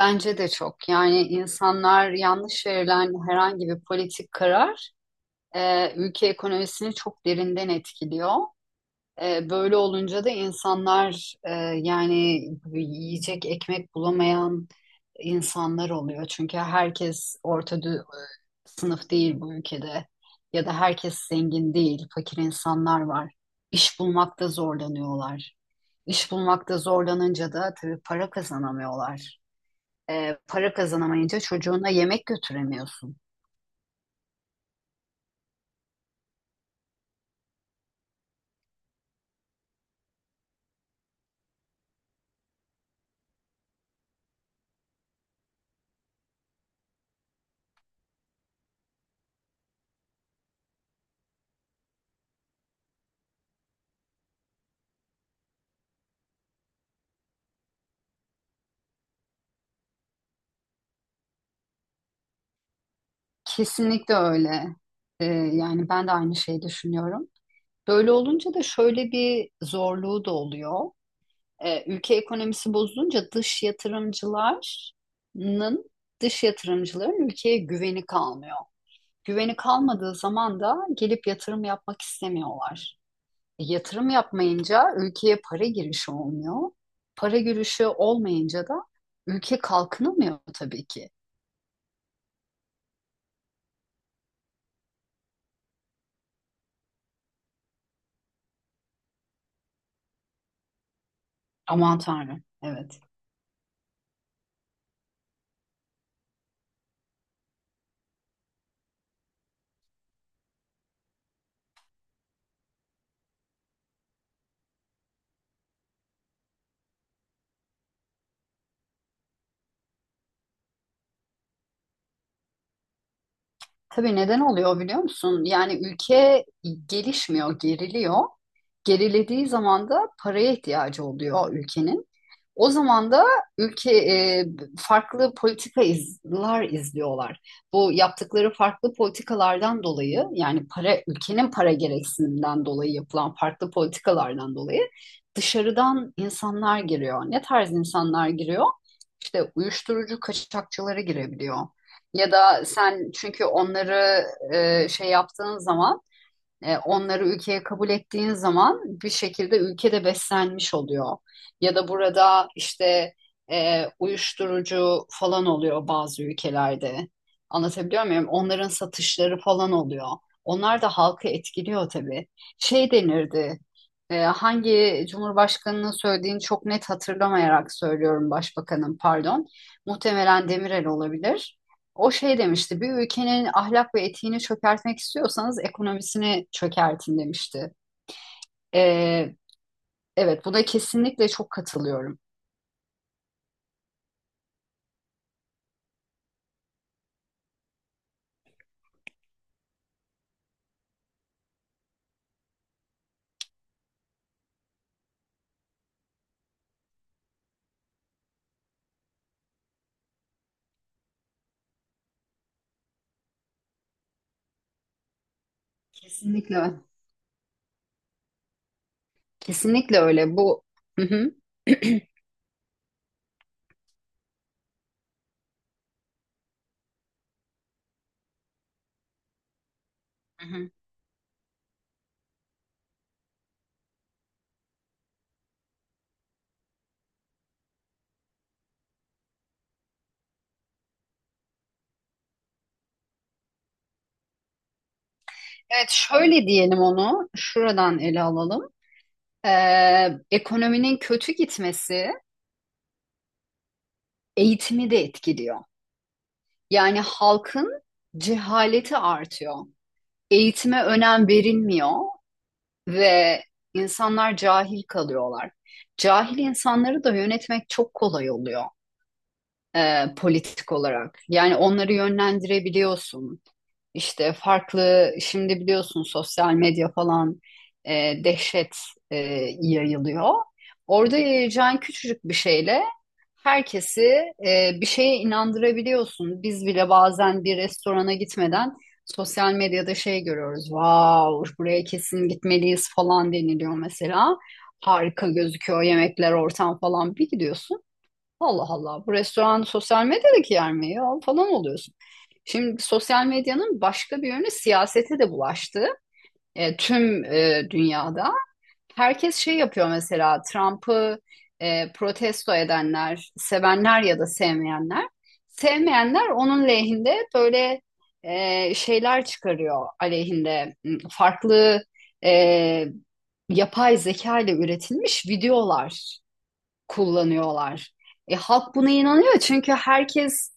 Bence de çok. Yani insanlar yanlış verilen herhangi bir politik karar ülke ekonomisini çok derinden etkiliyor. Böyle olunca da insanlar yani yiyecek ekmek bulamayan insanlar oluyor. Çünkü herkes sınıf değil bu ülkede ya da herkes zengin değil, fakir insanlar var. İş bulmakta zorlanıyorlar. İş bulmakta zorlanınca da tabii para kazanamıyorlar. Para kazanamayınca çocuğuna yemek götüremiyorsun. Kesinlikle öyle. Yani ben de aynı şeyi düşünüyorum. Böyle olunca da şöyle bir zorluğu da oluyor. Ülke ekonomisi bozulunca dış yatırımcıların ülkeye güveni kalmıyor. Güveni kalmadığı zaman da gelip yatırım yapmak istemiyorlar. Yatırım yapmayınca ülkeye para girişi olmuyor. Para girişi olmayınca da ülke kalkınamıyor tabii ki. Aman Tanrım. Evet. Tabii neden oluyor biliyor musun? Yani ülke gelişmiyor, geriliyor. Gerilediği zaman da paraya ihtiyacı oluyor ülkenin. O zaman da ülke farklı politikalar izliyorlar. Bu yaptıkları farklı politikalardan dolayı yani para ülkenin para gereksinimden dolayı yapılan farklı politikalardan dolayı dışarıdan insanlar giriyor. Ne tarz insanlar giriyor? İşte uyuşturucu kaçakçıları girebiliyor. Ya da sen çünkü onları şey yaptığın zaman, onları ülkeye kabul ettiğin zaman bir şekilde ülkede beslenmiş oluyor. Ya da burada işte uyuşturucu falan oluyor bazı ülkelerde. Anlatabiliyor muyum? Onların satışları falan oluyor. Onlar da halkı etkiliyor tabii. Şey denirdi. Hangi cumhurbaşkanının söylediğini çok net hatırlamayarak söylüyorum, başbakanım pardon. Muhtemelen Demirel olabilir. O şey demişti, bir ülkenin ahlak ve etiğini çökertmek istiyorsanız ekonomisini çökertin demişti. Ee, evet, bu da kesinlikle çok katılıyorum. Kesinlikle. Kesinlikle öyle. Hı hı. Hı hı. Evet, şöyle diyelim onu, şuradan ele alalım. Ekonominin kötü gitmesi eğitimi de etkiliyor. Yani halkın cehaleti artıyor. Eğitime önem verilmiyor. Ve insanlar cahil kalıyorlar. Cahil insanları da yönetmek çok kolay oluyor, politik olarak. Yani onları yönlendirebiliyorsun. İşte farklı şimdi biliyorsun sosyal medya falan dehşet e, yayılıyor. Orada yayacağın küçücük bir şeyle herkesi bir şeye inandırabiliyorsun. Biz bile bazen bir restorana gitmeden sosyal medyada şey görüyoruz. Wow, buraya kesin gitmeliyiz falan deniliyor mesela. Harika gözüküyor yemekler, ortam falan, bir gidiyorsun. Allah Allah, bu restoran sosyal medyadaki yer mi ya falan oluyorsun. Şimdi sosyal medyanın başka bir yönü siyasete de bulaştı. Tüm dünyada herkes şey yapıyor, mesela Trump'ı protesto edenler, sevenler ya da sevmeyenler. Sevmeyenler onun lehinde böyle şeyler çıkarıyor, aleyhinde farklı e, yapay zeka ile üretilmiş videolar kullanıyorlar. Halk buna inanıyor çünkü herkes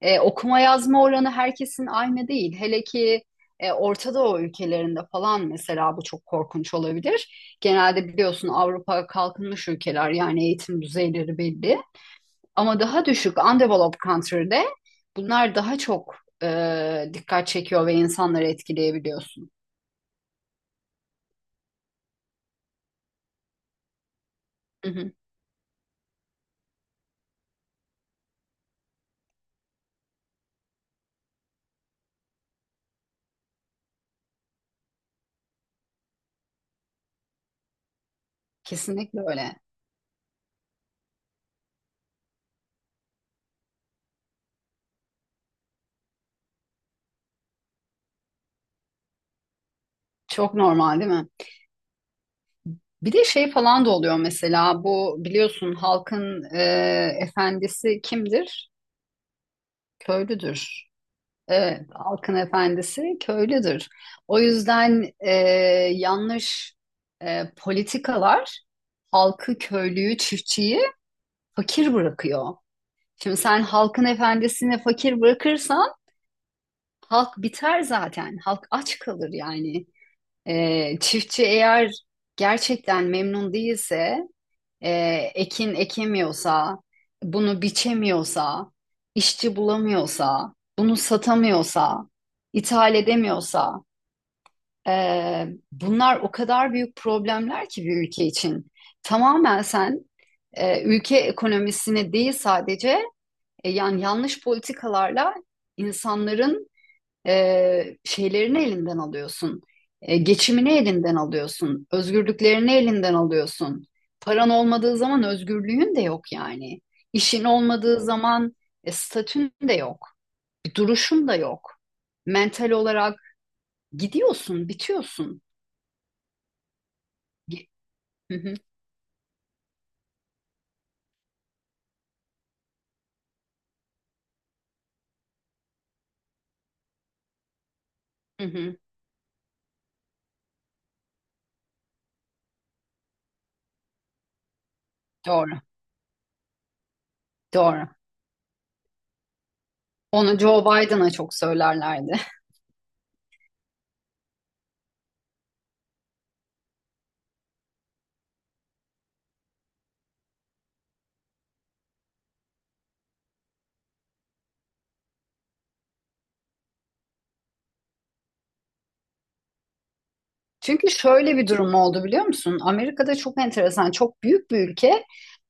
okuma yazma oranı herkesin aynı değil. Hele ki Orta Doğu ülkelerinde falan mesela bu çok korkunç olabilir. Genelde biliyorsun Avrupa kalkınmış ülkeler, yani eğitim düzeyleri belli. Ama daha düşük undeveloped country'de bunlar daha çok dikkat çekiyor ve insanları etkileyebiliyorsun. Hı hı. Kesinlikle öyle. Çok normal değil mi? Bir de şey falan da oluyor mesela, bu biliyorsun halkın efendisi kimdir? Köylüdür. Evet, halkın efendisi köylüdür. O yüzden yanlış politikalar halkı, köylüyü, çiftçiyi fakir bırakıyor. Şimdi sen halkın efendisini fakir bırakırsan halk biter zaten. Halk aç kalır yani. Çiftçi eğer gerçekten memnun değilse, e, ekin ekemiyorsa, bunu biçemiyorsa, işçi bulamıyorsa, bunu satamıyorsa, ithal edemiyorsa, e, bunlar o kadar büyük problemler ki bir ülke için. Tamamen sen ülke ekonomisini değil sadece, yani yanlış politikalarla insanların şeylerini elinden alıyorsun. Geçimini elinden alıyorsun. Özgürlüklerini elinden alıyorsun. Paran olmadığı zaman özgürlüğün de yok yani. İşin olmadığı zaman statün de yok. Bir duruşun da yok. Mental olarak gidiyorsun, bitiyorsun. Ge- Hı hı, hı hı. Doğru, doğru. Onu Joe Biden'a çok söylerlerdi. Çünkü şöyle bir durum oldu biliyor musun? Amerika'da çok enteresan, çok büyük bir ülke.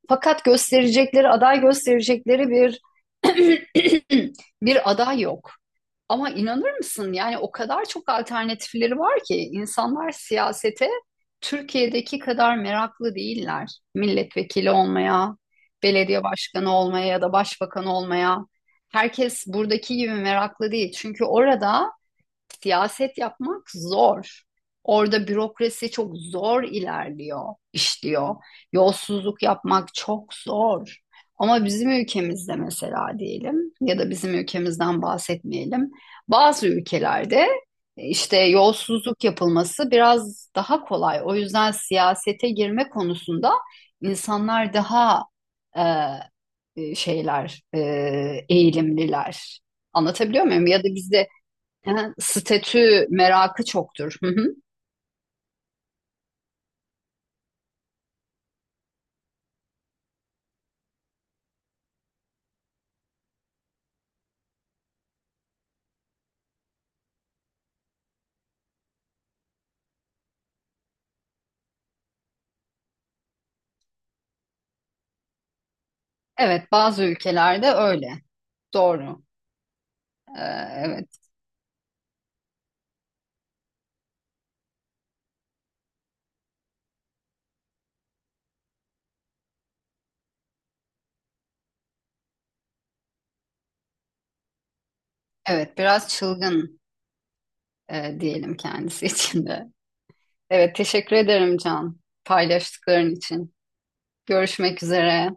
Fakat gösterecekleri, aday gösterecekleri bir bir aday yok. Ama inanır mısın? Yani o kadar çok alternatifleri var ki, insanlar siyasete Türkiye'deki kadar meraklı değiller. Milletvekili olmaya, belediye başkanı olmaya ya da başbakan olmaya. Herkes buradaki gibi meraklı değil. Çünkü orada siyaset yapmak zor. Orada bürokrasi çok zor ilerliyor, işliyor. Yolsuzluk yapmak çok zor. Ama bizim ülkemizde mesela diyelim, ya da bizim ülkemizden bahsetmeyelim. Bazı ülkelerde işte yolsuzluk yapılması biraz daha kolay. O yüzden siyasete girme konusunda insanlar daha e, e, şeyler, e, eğilimliler. Anlatabiliyor muyum? Ya da bizde. Ha, statü merakı çoktur. Hı hı. Evet, bazı ülkelerde öyle. Doğru. Ee, evet, evet, biraz çılgın diyelim kendisi için de. Evet, teşekkür ederim Can, paylaştıkların için. Görüşmek üzere.